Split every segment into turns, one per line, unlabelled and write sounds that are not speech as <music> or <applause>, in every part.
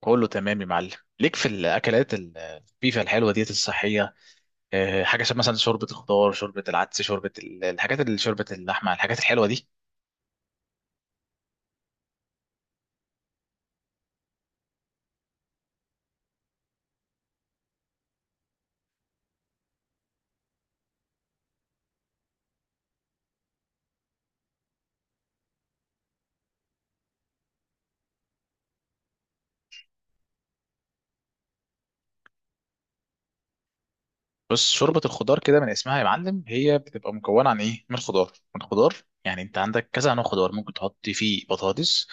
كله تمام يا معلم. ليك في الاكلات البيفا الحلوه ديت الصحيه؟ حاجه شبه مثلا شوربه الخضار، شوربه العدس، شوربه الحاجات اللي شوربه اللحمه، الحاجات الحلوه دي. بص، شوربه الخضار كده من اسمها يا معلم، هي بتبقى مكونه عن ايه؟ من الخضار من الخضار. يعني انت عندك كذا نوع خضار. ممكن تحط فيه بطاطس،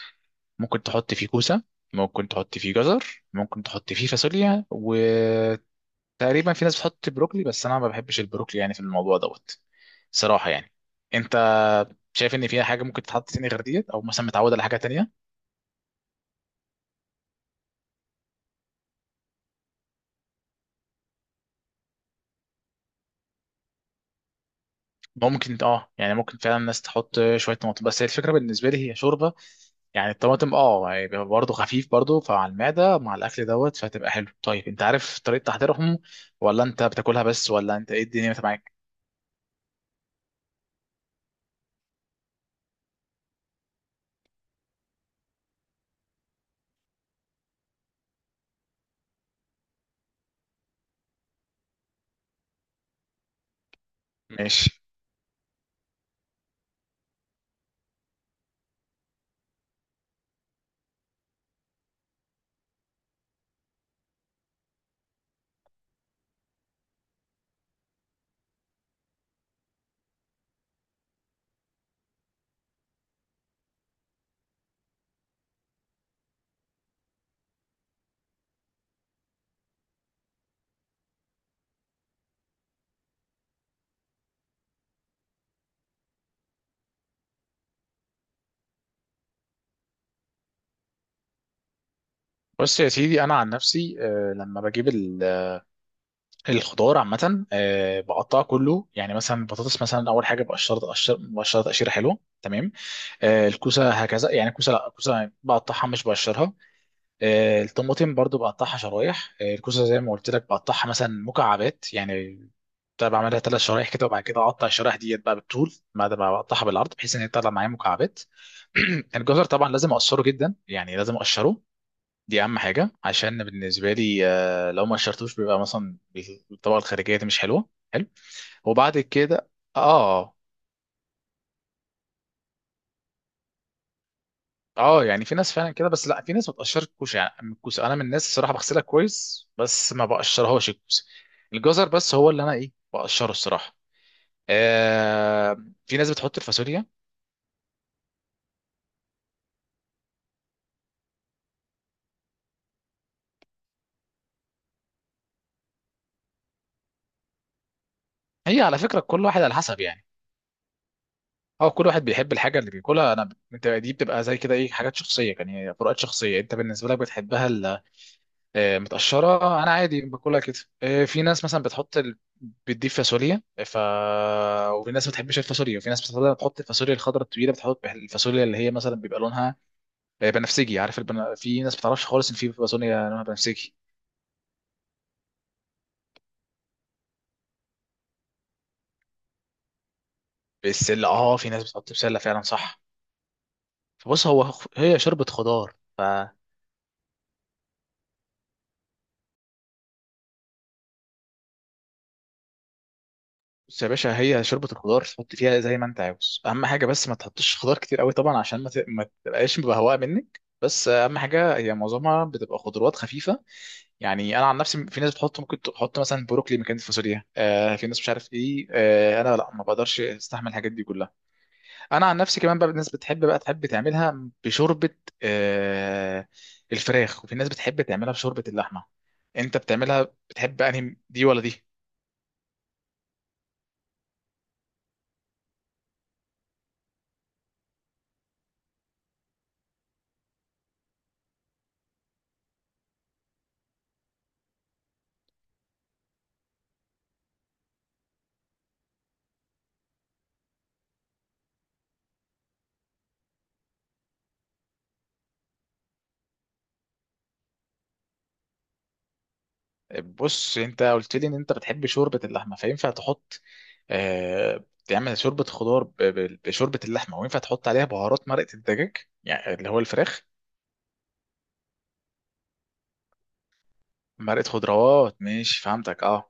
ممكن تحط فيه كوسه، ممكن تحط فيه جزر، ممكن تحط فيه فاصوليا، وتقريبا في ناس بتحط بروكلي، بس انا ما بحبش البروكلي يعني في الموضوع دوت. صراحه يعني. انت شايف ان فيها حاجه ممكن تتحط تاني غير ديت، او مثلا متعود على حاجه تانية؟ ممكن اه، يعني ممكن فعلا الناس تحط شويه طماطم، بس هي الفكره بالنسبه لي هي شوربه، يعني الطماطم اه يعني بيبقى برضه خفيف برضه فعلى المعده مع الاكل دوت فهتبقى حلو. طيب انت عارف طريقه تحضيرهم، ولا انت بتاكلها بس، ولا انت ايه الدنيا معاك؟ ماشي. بص يا سيدي، انا عن نفسي، لما بجيب الخضار عامه، بقطعه كله. يعني مثلا البطاطس، مثلا اول حاجه بقشرها، بقشرها تقشيره حلوه تمام. الكوسه هكذا، يعني الكوسه، لا الكوسه بقطعها مش بقشرها. الطماطم برضو بقطعها شرايح. الكوسه زي ما قلت لك بقطعها مثلا مكعبات يعني. بتاع بعملها ثلاث شرايح كده وبعد كده اقطع الشرايح ديت بقى بالطول بعد ما بقطعها بالعرض بحيث ان هي تطلع معايا مكعبات. <clears throat> الجزر طبعا لازم اقشره، جدا يعني لازم اقشره، دي اهم حاجه. عشان بالنسبه لي، لو ما قشرتوش بيبقى مثلا الطبقه الخارجيه دي مش حلوه حلو. وبعد كده اه. اه يعني في ناس فعلا كده، بس لا في ناس ما بتقشرش الكوسه يعني. أما الكوسه انا من الناس الصراحه بغسلها كويس بس ما بقشرهاش الكوسه. الجزر بس هو اللي انا ايه بقشره الصراحه. آه. في ناس بتحط الفاصوليا. هي على فكره كل واحد على حسب يعني. هو كل واحد بيحب الحاجه اللي بياكلها. انا انت دي بتبقى زي كده ايه، حاجات شخصيه، يعني فروقات شخصيه. انت بالنسبه لك بتحبها متقشره. انا عادي باكلها كده. في ناس مثلا بتحط بتضيف فاصوليا ف، وفي ناس ما بتحبش الفاصوليا، وفي ناس بتفضل تحط الفاصوليا الخضراء الطويله، بتحط الفاصوليا اللي هي مثلا بيبقى لونها بنفسجي. عارف في ناس ما بتعرفش خالص ان في فاصوليا لونها بنفسجي. بالسله اه، في ناس بتحط بسله فعلا، صح. فبص، هو هي شوربه خضار. بص يا باشا، هي شوربة الخضار تحط فيها زي ما انت عاوز. اهم حاجة بس ما تحطش خضار كتير قوي طبعا عشان ما تبقاش بهواء منك. بس اهم حاجة هي معظمها بتبقى خضروات خفيفة. يعني انا عن نفسي، في ناس بتحط، ممكن تحط مثلا بروكلي مكان الفاصوليا، آه في ناس مش عارف ايه. آه انا لا، ما بقدرش استحمل الحاجات دي كلها. انا عن نفسي كمان، بقى الناس بتحب بقى، تحب تعملها بشوربة آه الفراخ، وفي ناس بتحب تعملها بشوربة اللحمة. انت بتعملها، بتحب انهي دي ولا دي؟ بص، انت قلت لي ان انت بتحب شوربه اللحمه، فينفع تحط، آه تعمل شوربه خضار بشوربه اللحمه، وينفع تحط عليها بهارات مرقه الدجاج، يعني اللي هو الفراخ. مرقه خضروات، ماشي فهمتك اه.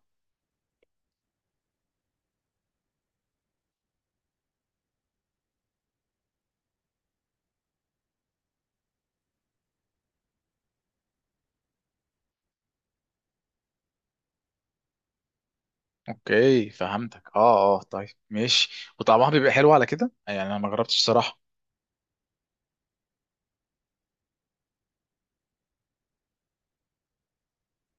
اوكي فهمتك، اه اه. طيب ماشي، وطعمها بيبقى حلو على كده يعني؟ انا ما جربتش الصراحه.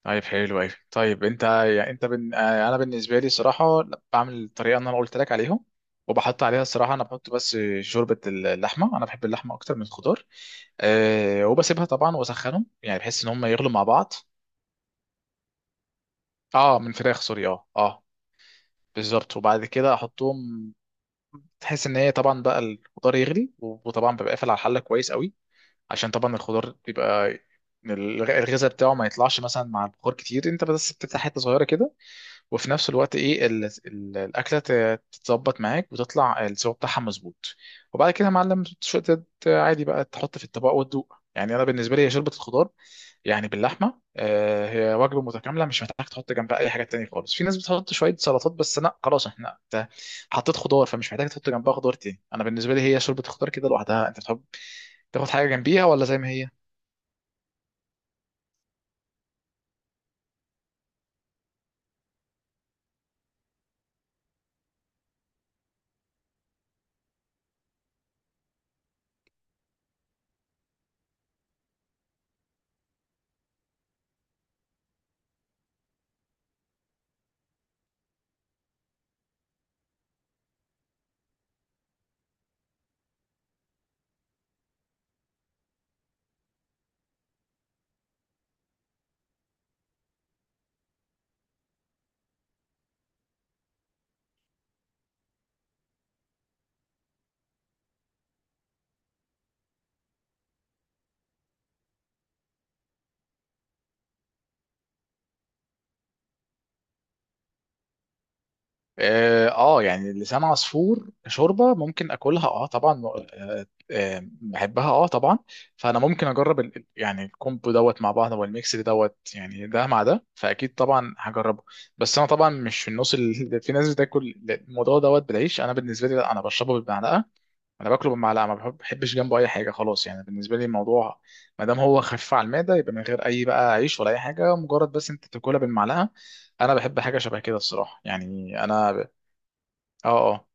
طيب حلو أوي. طيب أنت يعني أنت أنا بالنسبة لي صراحة بعمل الطريقة اللي أنا قلت لك عليهم، وبحط عليها الصراحة أنا بحط بس شوربة اللحمة، أنا بحب اللحمة أكتر من الخضار. أه وبسيبها طبعا وأسخنهم، يعني بحس إن هم يغلوا مع بعض. أه، من فراخ، سوري، أه أه. بالظبط، وبعد كده أحطهم، تحس إن هي طبعا بقى الخضار يغلي، وطبعا ببقى قافل على الحلة كويس قوي، عشان طبعا الخضار بيبقى الغذاء بتاعه ما يطلعش مثلا مع البخار كتير. انت بس بتفتح حته صغيره كده، وفي نفس الوقت ايه الاكله تتظبط معاك وتطلع السوا بتاعها مظبوط. وبعد كده يا معلم عادي بقى تحط في الطبق وتدوق. يعني انا بالنسبه لي هي شوربه الخضار يعني باللحمه هي وجبه متكامله، مش محتاج تحط جنبها اي حاجه تانية خالص. في ناس بتحط شويه سلطات، بس لا خلاص احنا انت حطيت خضار، فمش محتاج تحط جنبها خضار تاني. انا بالنسبه لي هي شوربه الخضار كده لوحدها. انت بتحب تاخد حاجه جنبيها ولا زي ما هي؟ اه يعني لسان عصفور شوربه ممكن اكلها، اه طبعا، بحبها اه طبعا. فانا ممكن اجرب يعني الكومبو دوت مع بعض والميكس دوت يعني، ده مع ده فاكيد طبعا هجربه. بس انا طبعا مش في النص اللي <laughs> في ناس بتاكل الموضوع دوت بالعيش، انا بالنسبه لي لا انا بشربه بالمعلقه، انا باكله بالمعلقه. ما بحب- بحبش جنبه اي حاجه خلاص. يعني بالنسبه لي الموضوع ما دام هو خفيف على المعده، يبقى من غير اي بقى عيش ولا اي حاجه، مجرد بس انت تاكلها بالمعلقه. انا بحب حاجه شبه كده الصراحه يعني انا. اه اه.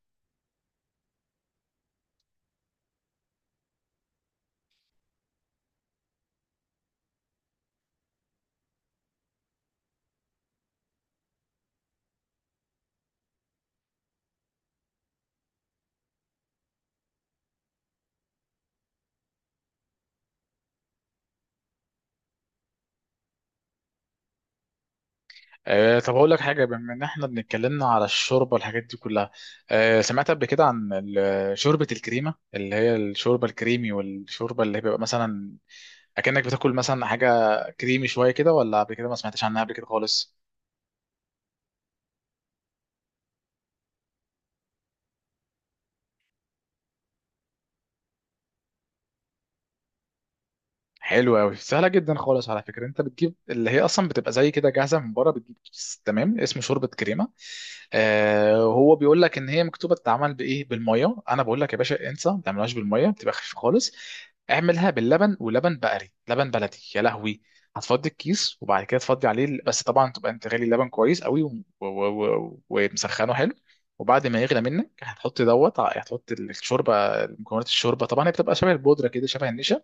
طب اقول لك حاجه، بما ان احنا بنتكلمنا على الشوربه والحاجات دي كلها، سمعت قبل كده عن شوربه الكريمه اللي هي الشوربه الكريمي، والشوربه اللي هي بيبقى مثلا اكنك بتاكل مثلا حاجه كريمي شويه كده، ولا قبل كده ما سمعتش عنها قبل كده خالص؟ حلو قوي، سهله جدا خالص على فكره. انت بتجيب اللي هي اصلا بتبقى زي كده جاهزه من بره، بتجيب كيس تمام اسمه شوربه كريمه. آه هو بيقول لك ان هي مكتوبه تتعمل بايه بالميه، انا بقول لك يا باشا انسى ما تعملهاش بالميه، بتبقى خفيفه خالص. اعملها باللبن، ولبن بقري، لبن بلدي يا لهوي. هتفضي الكيس وبعد كده تفضي عليه بس طبعا تبقى انت غالي اللبن كويس قوي ومسخنه حلو. وبعد ما يغلى منك هتحط دوت هتحط الشوربه. مكونات الشوربه طبعا هي بتبقى شبه البودره كده، شبه النشا.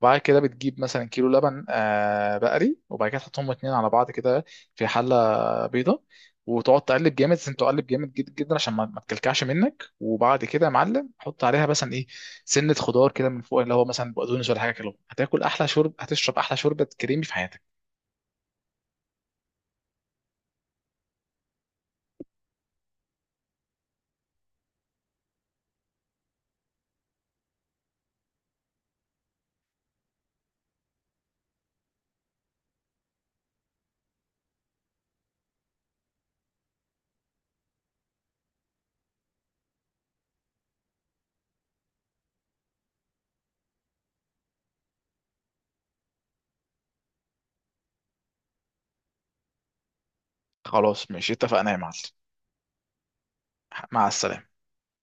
وبعد كده بتجيب مثلا كيلو لبن بقري، وبعد كده تحطهم اتنين على بعض كده في حله بيضه. وتقعد تقلب جامد، لازم تقلب جامد جدا جدا عشان ما تكلكعش منك. وبعد كده يا معلم حط عليها مثلا ايه، سنه خضار كده من فوق اللي هو مثلا بقدونس ولا حاجه كده. هتاكل احلى هتشرب احلى شوربه كريمي في حياتك. خلاص ماشي، اتفقنا يا معلم. مع السلامه.